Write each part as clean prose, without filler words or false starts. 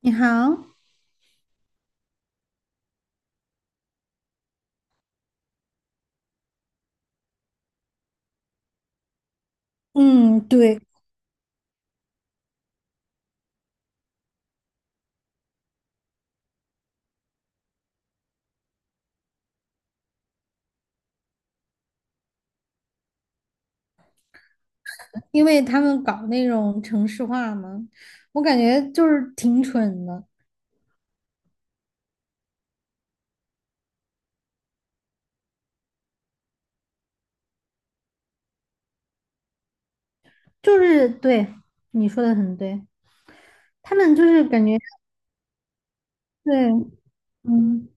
你好，嗯，对，因为他们搞那种城市化嘛，我感觉就是挺蠢的。就是对，你说的很对，他们就是感觉对。嗯，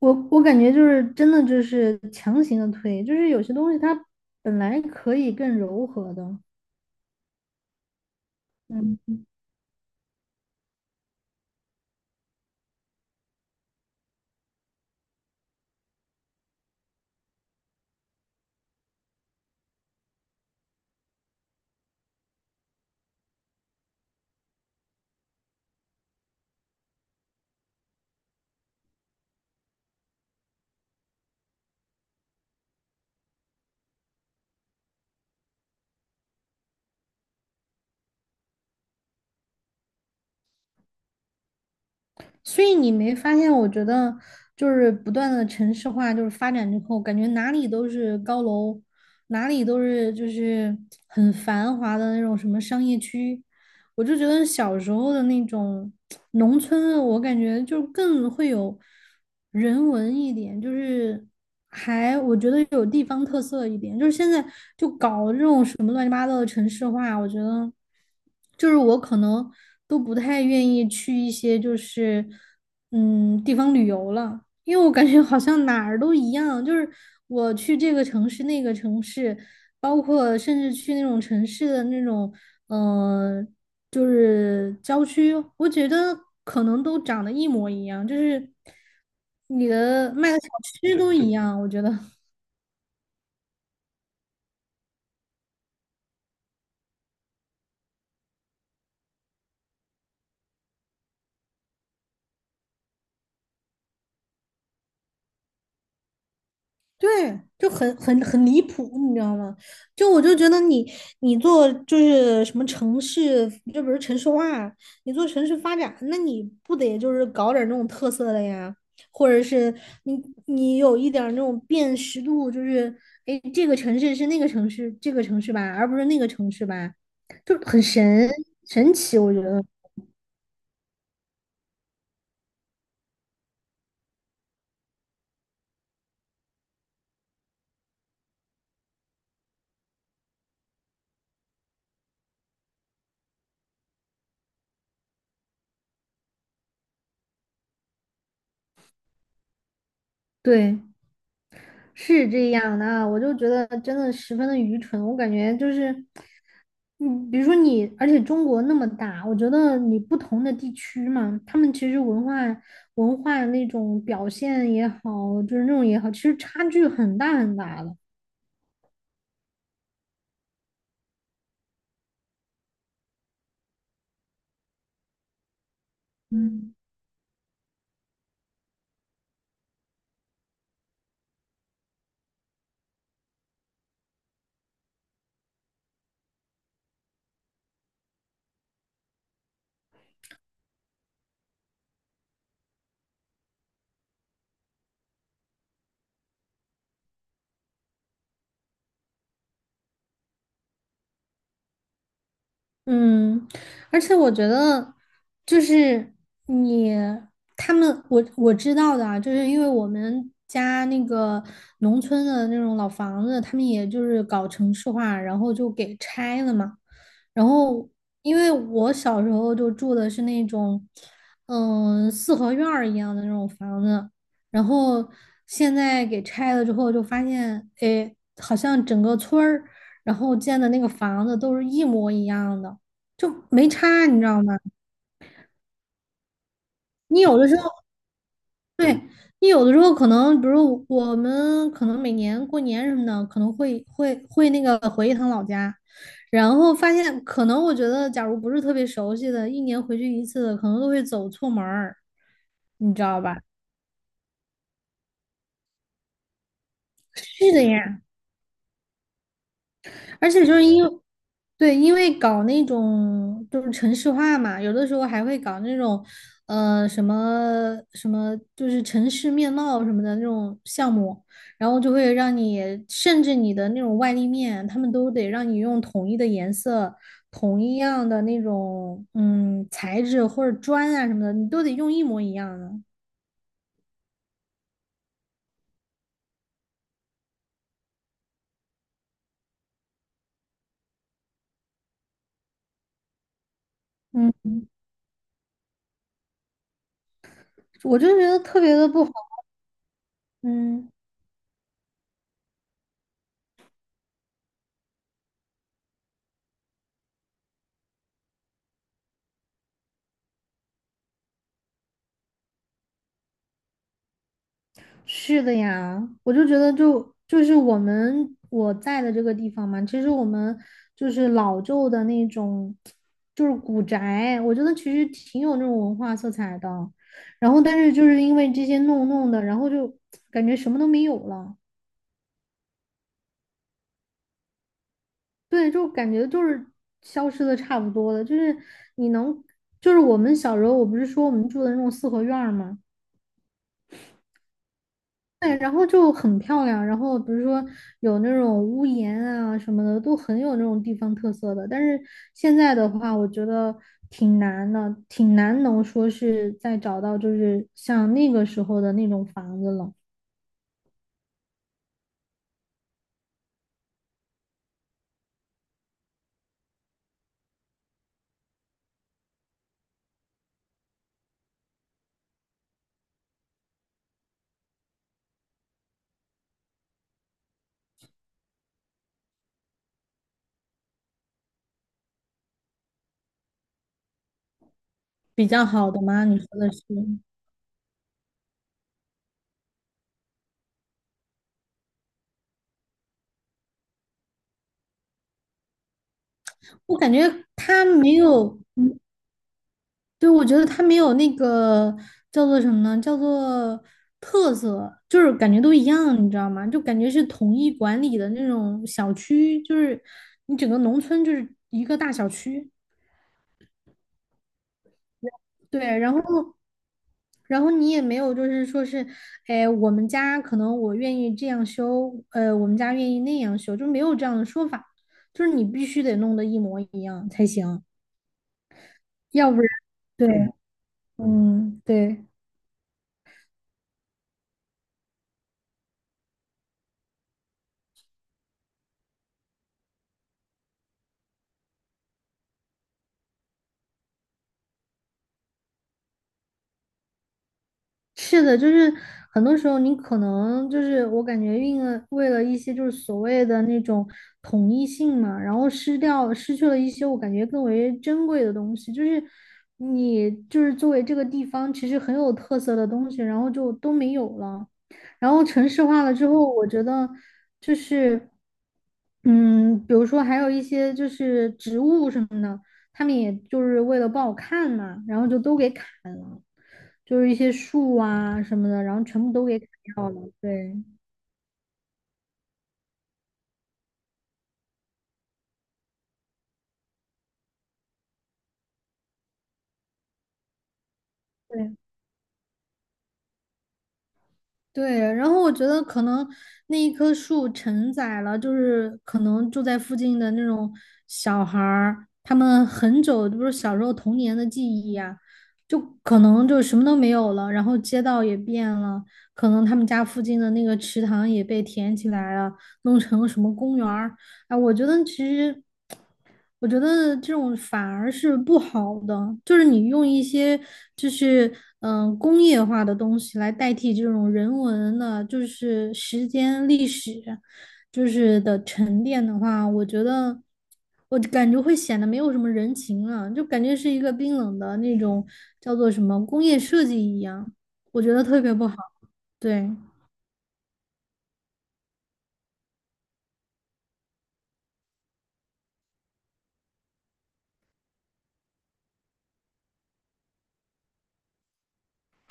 我感觉就是真的就是强行的推，就是有些东西它本来可以更柔和的。嗯所以你没发现？我觉得就是不断的城市化，就是发展之后，感觉哪里都是高楼，哪里都是就是很繁华的那种什么商业区。我就觉得小时候的那种农村，我感觉就更会有人文一点，就是还我觉得有地方特色一点。就是现在就搞这种什么乱七八糟的城市化，我觉得就是我可能都不太愿意去一些就是地方旅游了，因为我感觉好像哪儿都一样，就是我去这个城市那个城市。包括甚至去那种城市的那种嗯、呃就是郊区，我觉得可能都长得一模一样，就是你的卖的小区都一样，我觉得 对，就很离谱，你知道吗？就我就觉得你做就是什么城市，就比如城市化啊，你做城市发展，那你不得就是搞点儿那种特色的呀？或者是你有一点儿那种辨识度，就是哎，诶这个城市是那个城市，这个城市吧，而不是那个城市吧。就很神奇，我觉得对，是这样的啊，我就觉得真的十分的愚蠢。我感觉就是，嗯，比如说你，而且中国那么大，我觉得你不同的地区嘛，他们其实文化那种表现也好，就是那种也好，其实差距很大很大的。嗯。嗯，而且我觉得，就是你他们，我知道的啊，就是因为我们家那个农村的那种老房子，他们也就是搞城市化，然后就给拆了嘛。然后，因为我小时候就住的是那种，四合院儿一样的那种房子，然后现在给拆了之后，就发现，哎，好像整个村儿。然后建的那个房子都是一模一样的，就没差，你知道吗？你有的时候，对，你有的时候可能，比如我们可能每年过年什么的，可能会那个回一趟老家，然后发现可能我觉得，假如不是特别熟悉的，一年回去一次，可能都会走错门儿，你知道吧？是的呀，而且就是因为，对，因为搞那种就是城市化嘛，有的时候还会搞那种，什么什么，就是城市面貌什么的那种项目，然后就会让你，甚至你的那种外立面，他们都得让你用统一的颜色、同一样的那种，材质或者砖啊什么的，你都得用一模一样的。嗯，我就觉得特别的不好。嗯。是的呀，我就觉得就是我在的这个地方嘛，其实我们就是老旧的那种，就是古宅，我觉得其实挺有那种文化色彩的。然后，但是就是因为这些弄弄的，然后就感觉什么都没有了。对，就感觉就是消失的差不多了。就是你能，就是我们小时候，我不是说我们住的那种四合院儿嘛。对，然后就很漂亮，然后比如说有那种屋檐啊什么的，都很有那种地方特色的。但是现在的话，我觉得挺难的，挺难能说是再找到就是像那个时候的那种房子了，比较好的吗？你说的是？我感觉它没有，嗯对，我觉得它没有那个叫做什么呢？叫做特色，就是感觉都一样，你知道吗？就感觉是统一管理的那种小区，就是你整个农村就是一个大小区。对，然后你也没有就是说是，哎，我们家可能我愿意这样修，我们家愿意那样修，就没有这样的说法，就是你必须得弄得一模一样才行，要不然对，嗯，对。是的，就是很多时候你可能就是我感觉运了为了一些就是所谓的那种统一性嘛，然后失去了一些我感觉更为珍贵的东西，就是你就是作为这个地方其实很有特色的东西，然后就都没有了。然后城市化了之后，我觉得就是比如说还有一些就是植物什么的。他们也就是为了不好看嘛，然后就都给砍了，就是一些树啊什么的，然后全部都给砍掉了。对对对，然后我觉得可能那一棵树承载了，就是可能住在附近的那种小孩儿，他们很久就是小时候童年的记忆呀、就可能就什么都没有了，然后街道也变了，可能他们家附近的那个池塘也被填起来了，弄成什么公园儿。啊，我觉得其实我觉得这种反而是不好的，就是你用一些就是工业化的东西来代替这种人文的，就是时间历史，就是的沉淀的话，我觉得我感觉会显得没有什么人情了，就感觉是一个冰冷的那种叫做什么工业设计一样，我觉得特别不好。对，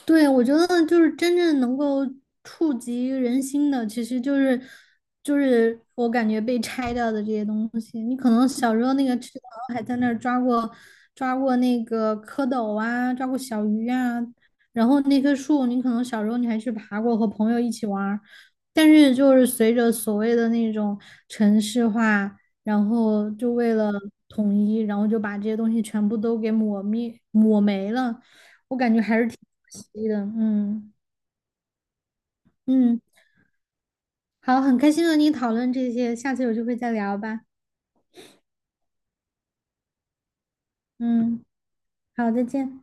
对，我觉得就是真正能够触及人心的，其实就是我感觉被拆掉的这些东西。你可能小时候那个池塘还在那儿抓过那个蝌蚪啊，抓过小鱼啊，然后那棵树，你可能小时候你还去爬过，和朋友一起玩儿但是就是随着所谓的那种城市化，然后就为了统一，然后就把这些东西全部都给抹没了。我感觉还是挺。是的，嗯嗯，好，很开心和你讨论这些，下次有机会再聊吧。嗯，好，再见。